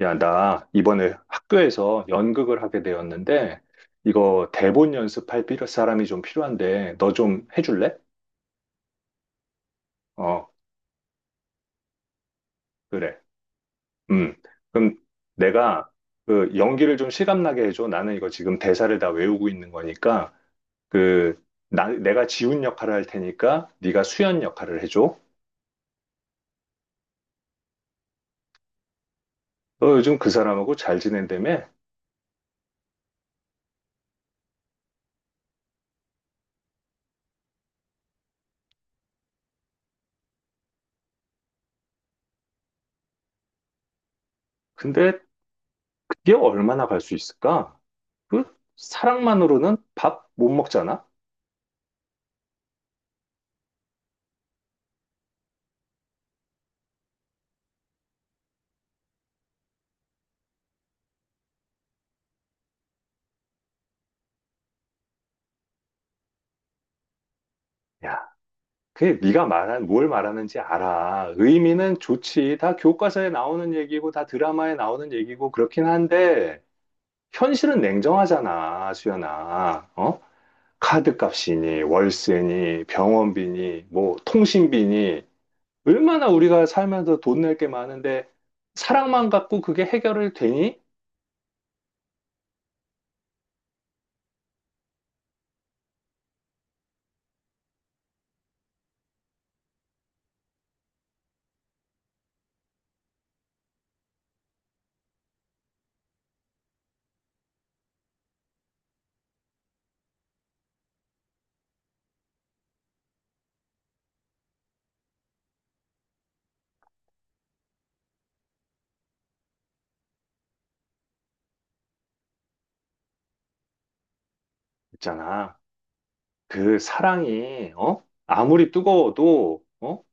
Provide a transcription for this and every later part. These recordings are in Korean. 야, 나 이번에 학교에서 연극을 하게 되었는데, 이거 대본 연습할 필요, 사람이 좀 필요한데, 너 좀 해줄래? 어, 그래. 음. 그럼 내가 그 연기를 좀 실감나게 해줘. 나는 이거 지금 대사를 다 외우고 있는 거니까, 그, 내가 지훈 역할을 할 테니까, 네가 수연 역할을 해줘. 너 요즘 그 사람하고 잘 지낸다며? 근데 그게 얼마나 갈 수 있을까? 그 사랑만으로는 밥 못 먹잖아? 그게 네가 말한 뭘 말하는지 알아. 의미는 좋지. 다 교과서에 나오는 얘기고 다 드라마에 나오는 얘기고 그렇긴 한데 현실은 냉정하잖아, 수연아. 어? 카드값이니 월세니 병원비니 뭐 통신비니 얼마나 우리가 살면서 돈 낼게 많은데 사랑만 갖고 그게 해결을 되니? 있잖아. 그 사랑이 어? 아무리 뜨거워도 어?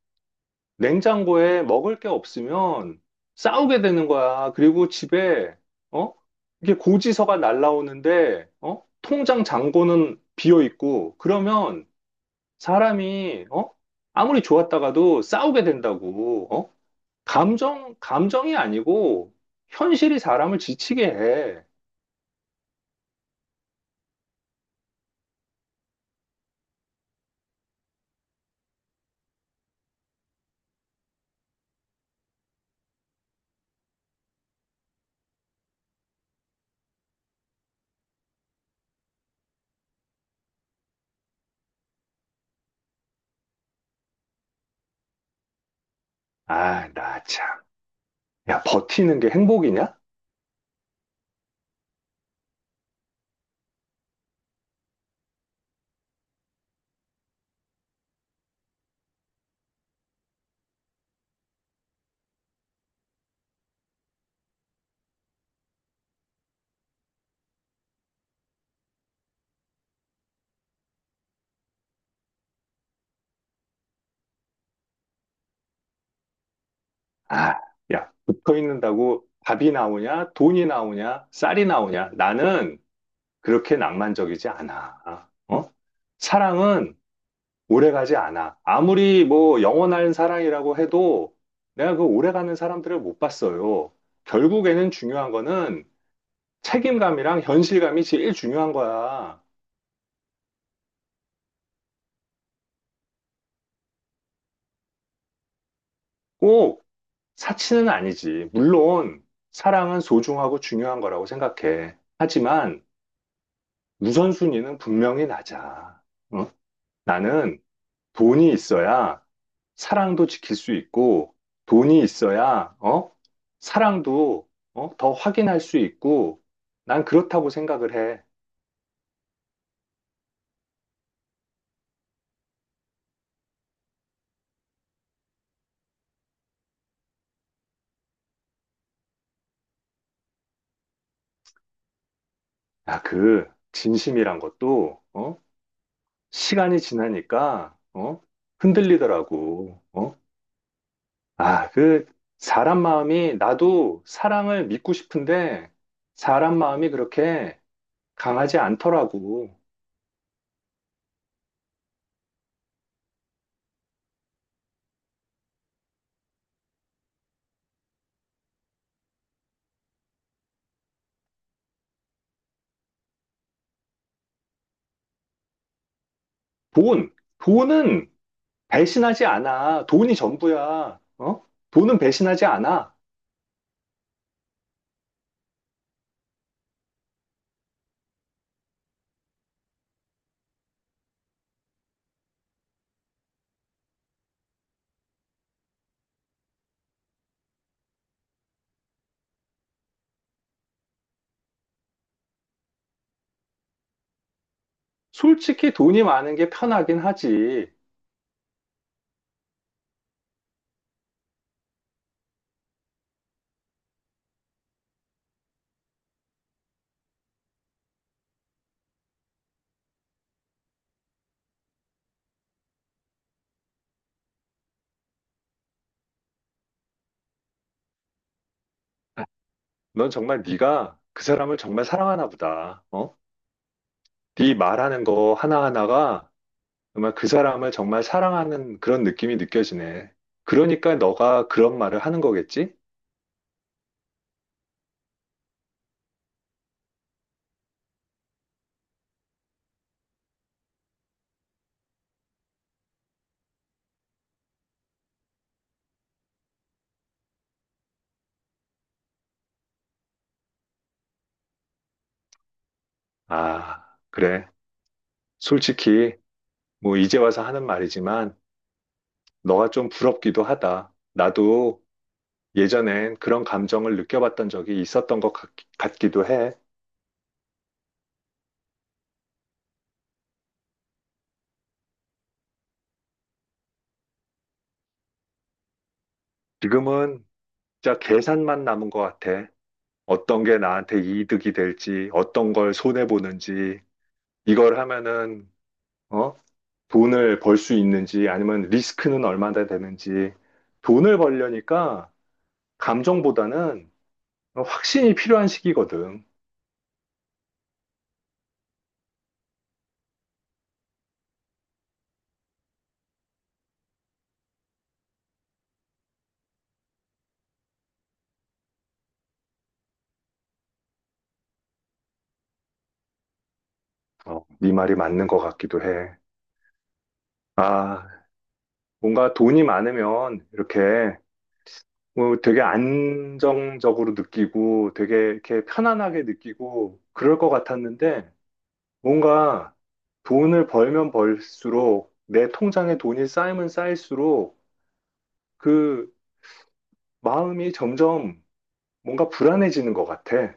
냉장고에 먹을 게 없으면 싸우게 되는 거야. 그리고 집에, 어? 이게 고지서가 날라오는데, 어? 통장 잔고는 비어 있고, 그러면 사람이, 어? 아무리 좋았다가도 싸우게 된다고, 어? 감정이 아니고, 현실이 사람을 지치게 해. 아, 나 참. 야, 버티는 게 행복이냐? 아, 야, 붙어 있는다고 밥이 나오냐? 돈이 나오냐? 쌀이 나오냐? 나는 그렇게 낭만적이지 않아. 어? 사랑은 오래가지 않아. 아무리 뭐 영원한 사랑이라고 해도 내가 그 오래가는 사람들을 못 봤어요. 결국에는 중요한 거는 책임감이랑 현실감이 제일 중요한 거야. 꼭 사치는 아니지. 물론 사랑은 소중하고 중요한 거라고 생각해. 하지만 우선순위는 분명히 낮아. 어? 나는 돈이 있어야 사랑도 지킬 수 있고 돈이 있어야 어? 사랑도 어? 더 확인할 수 있고 난 그렇다고 생각을 해. 야, 그 진심이란 것도 어? 시간이 지나니까 어? 흔들리더라고. 어? 아, 그 사람 마음이 나도 사랑을 믿고 싶은데 사람 마음이 그렇게 강하지 않더라고. 돈, 돈은 배신하지 않아. 돈이 전부야. 어? 돈은 배신하지 않아. 솔직히 돈이 많은 게 편하긴 하지. 넌 정말 네가 그 사람을 정말 사랑하나 보다. 어? 네 말하는 거 하나하나가 정말 그 사람을 정말 사랑하는 그런 느낌이 느껴지네. 그러니까 너가 그런 말을 하는 거겠지? 아, 그래. 솔직히 뭐 이제 와서 하는 말이지만 너가 좀 부럽기도 하다. 나도 예전엔 그런 감정을 느껴봤던 적이 있었던 것 같, 기도 해. 지금은 진짜 계산만 남은 것 같아. 어떤 게 나한테 이득이 될지, 어떤 걸 손해보는지, 이걸 하면은, 어? 돈을 벌 수 있는지, 아니면 리스크는 얼마나 되는지, 돈을 벌려니까 감정보다는 확신이 필요한 시기거든. 어, 네 말이 맞는 것 같기도 해. 아, 뭔가 돈이 많으면 이렇게 뭐 되게 안정적으로 느끼고 되게 이렇게 편안하게 느끼고 그럴 것 같았는데, 뭔가 돈을 벌면 벌수록 내 통장에 돈이 쌓이면 쌓일수록 그 마음이 점점 뭔가 불안해지는 것 같아.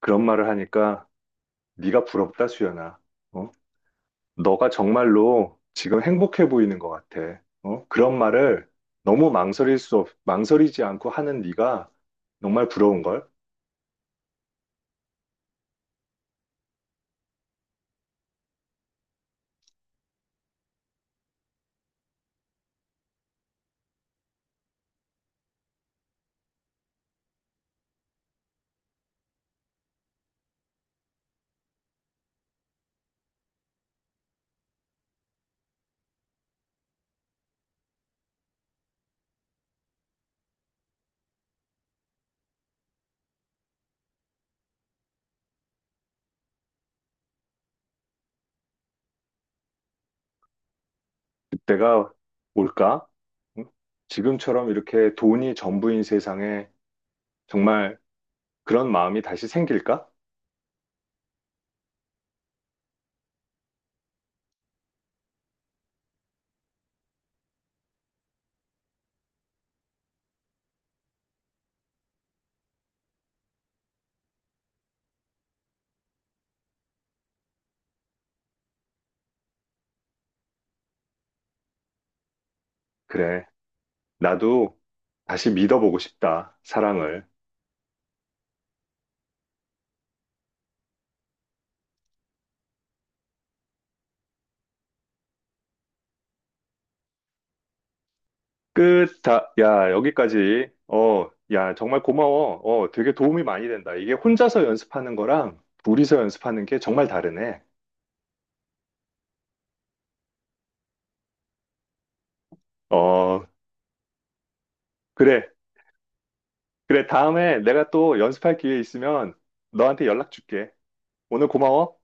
그런 말을 하니까 네가 부럽다, 수연아. 어? 너가 정말로 지금 행복해 보이는 것 같아. 어? 그런 말을 너무 망설일 수 없, 망설이지 않고 하는 네가 정말 부러운걸? 그때가 올까? 응? 지금처럼 이렇게 돈이 전부인 세상에 정말 그런 마음이 다시 생길까? 그래. 나도 다시 믿어보고 싶다. 사랑을. 끝. 야, 여기까지. 어, 야, 정말 고마워. 어, 되게 도움이 많이 된다. 이게 혼자서 연습하는 거랑 둘이서 연습하는 게 정말 다르네. 어, 그래. 그래. 다음에 내가 또 연습할 기회 있으면 너한테 연락 줄게. 오늘 고마워.